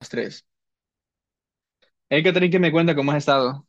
Los tres. Hey, Catherine, ¿que me cuenta cómo has estado?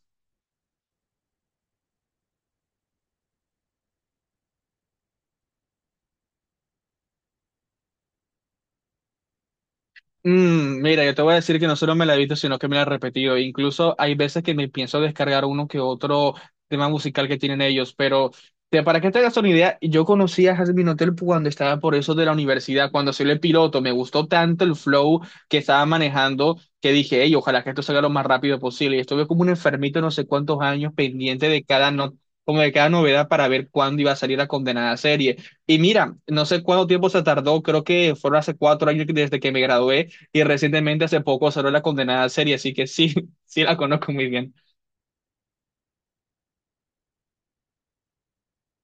Mira, yo te voy a decir que no solo me la he visto, sino que me la he repetido. Incluso hay veces que me pienso descargar uno que otro tema musical que tienen ellos, pero para que te hagas una idea, yo conocí a Jasmine Hotel cuando estaba por eso de la universidad, cuando soy el piloto, me gustó tanto el flow que estaba manejando que dije, hey, ojalá que esto salga lo más rápido posible. Y estuve como un enfermito no sé cuántos años pendiente de cada como de cada novedad para ver cuándo iba a salir la condenada serie. Y mira, no sé cuánto tiempo se tardó, creo que fueron hace 4 años desde que me gradué y recientemente hace poco salió la condenada serie, así que sí, sí la conozco muy bien.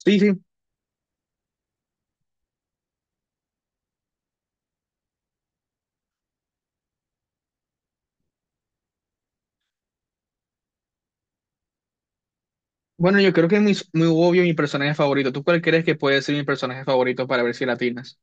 Sí, sí. Bueno, yo creo que es muy, muy obvio mi personaje favorito. ¿Tú cuál crees que puede ser mi personaje favorito para ver si latinas?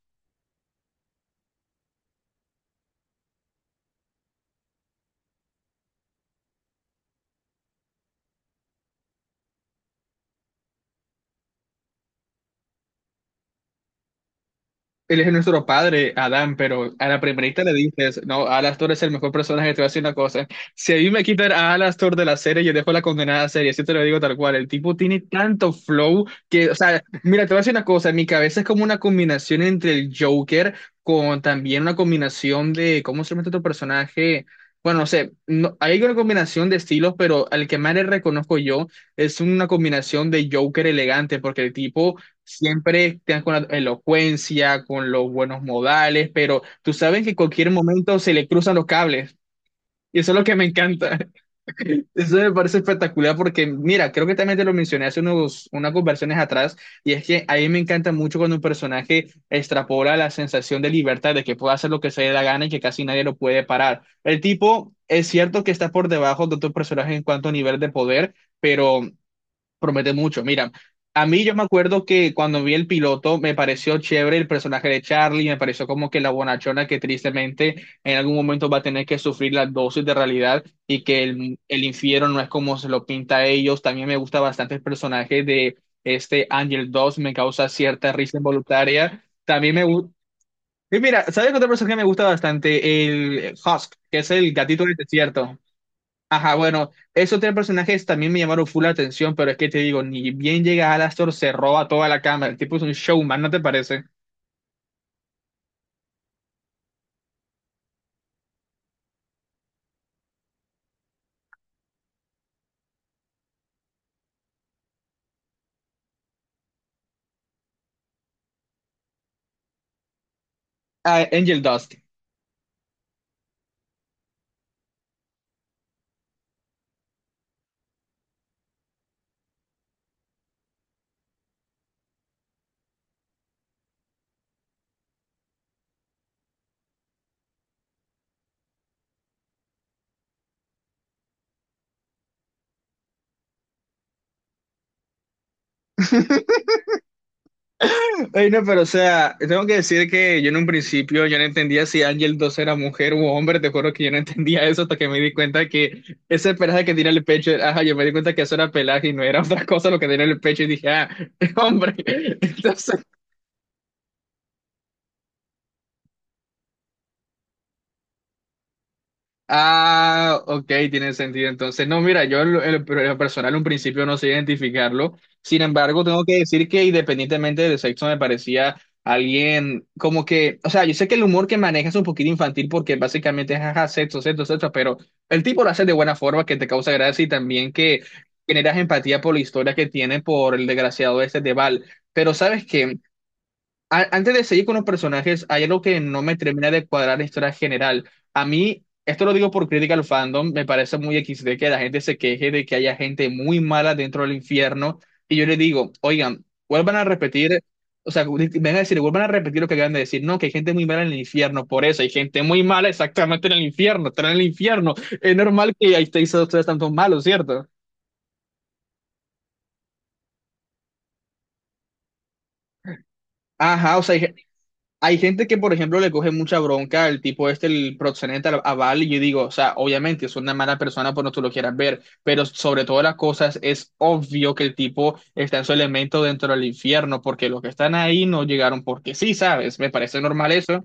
Él es nuestro padre, Adán, pero a la primerita le dices, no, Alastor es el mejor personaje, te voy a decir una cosa. Si a mí me quitan a Alastor de la serie, yo dejo la condenada serie, así te lo digo tal cual. El tipo tiene tanto flow que, o sea, mira, te voy a decir una cosa, en mi cabeza es como una combinación entre el Joker con también una combinación de, ¿cómo se llama este otro personaje? Bueno, no sé, hay una combinación de estilos, pero al que más le reconozco yo es una combinación de Joker elegante, porque el tipo siempre te dan con la elocuencia, con los buenos modales, pero tú sabes que en cualquier momento se le cruzan los cables. Y eso es lo que me encanta. Eso me parece espectacular porque, mira, creo que también te lo mencioné hace unos, unas conversaciones atrás, y es que a mí me encanta mucho cuando un personaje extrapola la sensación de libertad, de que puede hacer lo que se le da gana y que casi nadie lo puede parar. El tipo es cierto que está por debajo de otros personajes en cuanto a nivel de poder, pero promete mucho. Mira, a mí yo me acuerdo que cuando vi el piloto me pareció chévere el personaje de Charlie, me pareció como que la bonachona que tristemente en algún momento va a tener que sufrir la dosis de realidad y que el infierno no es como se lo pinta a ellos. También me gusta bastante el personaje de este Angel dos me causa cierta risa involuntaria. También me gusta... Y mira, ¿sabes qué otro personaje me gusta bastante? El Husk, que es el gatito del desierto. Ajá, bueno, esos tres personajes también me llamaron full la atención, pero es que te digo, ni bien llega Alastor, se roba toda la cámara. El tipo es un showman, ¿no te parece? Ah, Angel Dust. Ay no, pero o sea, tengo que decir que yo en un principio yo no entendía si Angel Dust era mujer u hombre, te juro que yo no entendía eso hasta que me di cuenta que ese pelaje que tiene en el pecho, ajá, yo me di cuenta que eso era pelaje y no era otra cosa lo que tenía en el pecho y dije, ah, hombre. Entonces, ah, ok, tiene sentido entonces. No, mira, yo en lo personal un principio no sé identificarlo. Sin embargo, tengo que decir que independientemente del sexo me parecía alguien como que, o sea, yo sé que el humor que maneja es un poquito infantil porque básicamente es jaja, sexo, sexo, sexo, pero el tipo lo hace de buena forma que te causa gracia y también que generas empatía por la historia que tiene por el desgraciado este de Val. Pero ¿sabes qué? Antes de seguir con los personajes, hay algo que no me termina de cuadrar la historia general. A mí, esto lo digo por crítica al fandom, me parece muy XD que la gente se queje de que haya gente muy mala dentro del infierno. Y yo le digo, oigan, vuelvan a repetir, o sea, vengan a decir, vuelvan a repetir lo que acaban de decir. No, que hay gente muy mala en el infierno, por eso hay gente muy mala exactamente en el infierno, están en el infierno. Es normal que ahí estéis ustedes tanto malos, ¿cierto? Ajá, o sea, hay gente que, por ejemplo, le coge mucha bronca al tipo este, el proxeneta, a Val, y yo digo, o sea, obviamente es una mala persona por no tú lo quieras ver, pero sobre todas las cosas es obvio que el tipo está en su elemento dentro del infierno, porque los que están ahí no llegaron porque sí, ¿sabes? Me parece normal eso.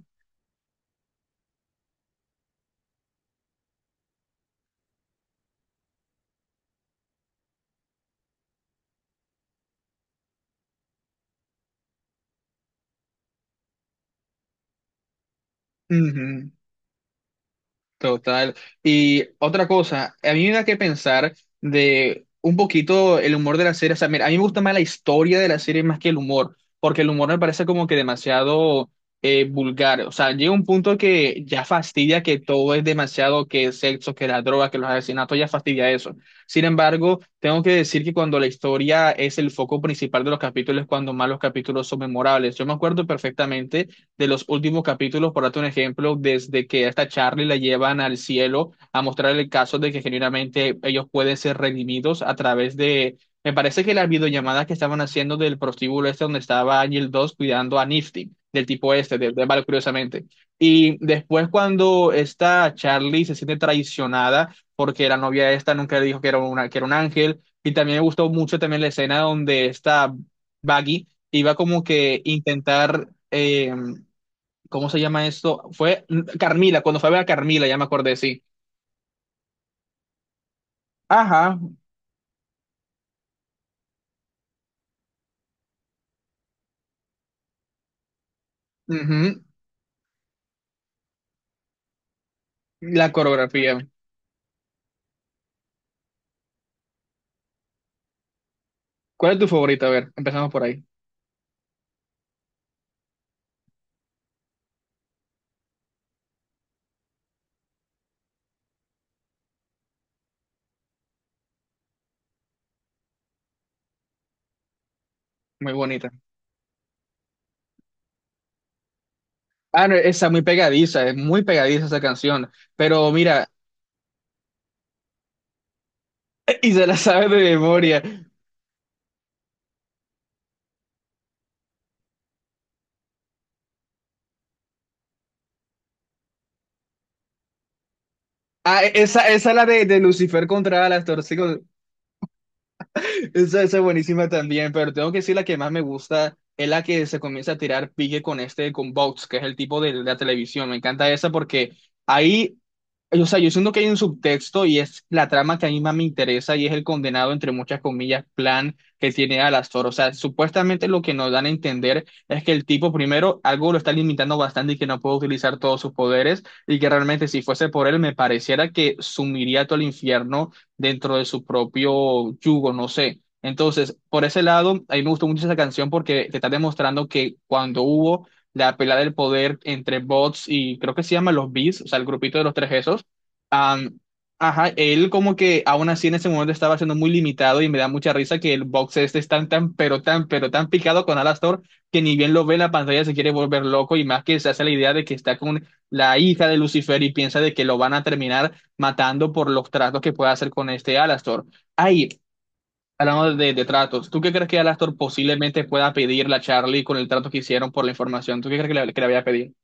Ujú. Total. Y otra cosa, a mí me da que pensar de un poquito el humor de la serie. O sea, mira, a mí me gusta más la historia de la serie más que el humor, porque el humor me parece como que demasiado vulgar. O sea, llega un punto que ya fastidia que todo es demasiado, que el sexo, que la droga, que los asesinatos, ya fastidia eso. Sin embargo, tengo que decir que cuando la historia es el foco principal de los capítulos, es cuando más los capítulos son memorables. Yo me acuerdo perfectamente de los últimos capítulos, por darte un ejemplo, desde que hasta Charlie la llevan al cielo a mostrar el caso de que genuinamente ellos pueden ser redimidos a través de, me parece que las videollamadas que estaban haciendo del prostíbulo este donde estaba Ángel 2 cuidando a Nifty, del tipo este, de Val, curiosamente. Y después cuando esta Charlie se siente traicionada porque la novia esta nunca le dijo que era, una, que era un ángel, y también me gustó mucho también la escena donde esta Baggy iba como que intentar ¿cómo se llama esto? Fue Carmila, cuando fue a ver a Carmila, ya me acordé, sí. Ajá, ujú. La coreografía. ¿Cuál es tu favorita? A ver, empezamos por ahí. Muy bonita. Ah, no, esa muy pegadiza, es muy pegadiza esa canción. Pero mira, y se la sabe de memoria. Ah, esa la de, Lucifer contra las torcidas. Esa es buenísima también, pero tengo que decir la que más me gusta es la que se comienza a tirar pique con este, con Vox, que es el tipo de la televisión. Me encanta esa porque ahí, o sea, yo siento que hay un subtexto y es la trama que a mí más me interesa y es el condenado, entre muchas comillas, plan que tiene Alastor. O sea, supuestamente lo que nos dan a entender es que el tipo, primero, algo lo está limitando bastante y que no puede utilizar todos sus poderes y que realmente si fuese por él me pareciera que sumiría todo el infierno dentro de su propio yugo, no sé. Entonces, por ese lado, a mí me gustó mucho esa canción porque te está demostrando que cuando hubo... la pelea del poder entre bots y creo que se llama los Beasts, o sea, el grupito de los tres esos, Am, ajá, él como que aún así en ese momento estaba siendo muy limitado y me da mucha risa que el box este es tan, tan, pero tan, pero tan picado con Alastor que ni bien lo ve en la pantalla se quiere volver loco y más que se hace la idea de que está con la hija de Lucifer y piensa de que lo van a terminar matando por los tratos que pueda hacer con este Alastor. Ahí, hablando de tratos, ¿tú qué crees que Alastor posiblemente pueda pedirle a Charlie con el trato que hicieron por la información? ¿Tú qué crees que le vaya a pedir?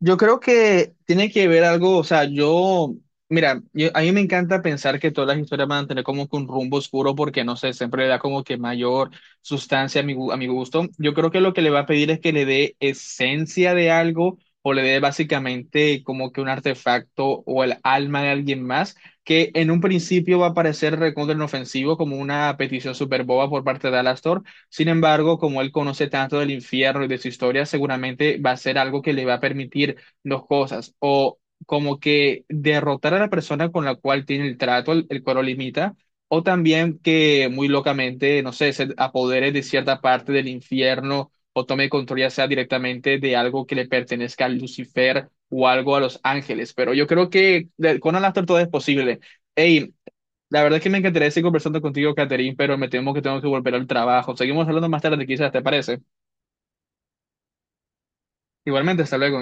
Yo creo que tiene que ver algo, o sea, yo, mira, a mí me encanta pensar que todas las historias van a tener como que un rumbo oscuro porque, no sé, siempre le da como que mayor sustancia a mi gusto. Yo creo que lo que le va a pedir es que le dé esencia de algo o le dé básicamente como que un artefacto o el alma de alguien más, que en un principio va a parecer recontra inofensivo como una petición súper boba por parte de Alastor, sin embargo, como él conoce tanto del infierno y de su historia, seguramente va a ser algo que le va a permitir dos cosas, o como que derrotar a la persona con la cual tiene el trato, el cual lo limita, o también que muy locamente, no sé, se apodere de cierta parte del infierno o tome control ya sea directamente de algo que le pertenezca a Lucifer o algo a los ángeles. Pero yo creo que con Alastor todo es posible. Ey, la verdad es que me encantaría seguir conversando contigo, Catherine, pero me temo que tengo que volver al trabajo. Seguimos hablando más tarde, quizás, ¿te parece? Igualmente, hasta luego.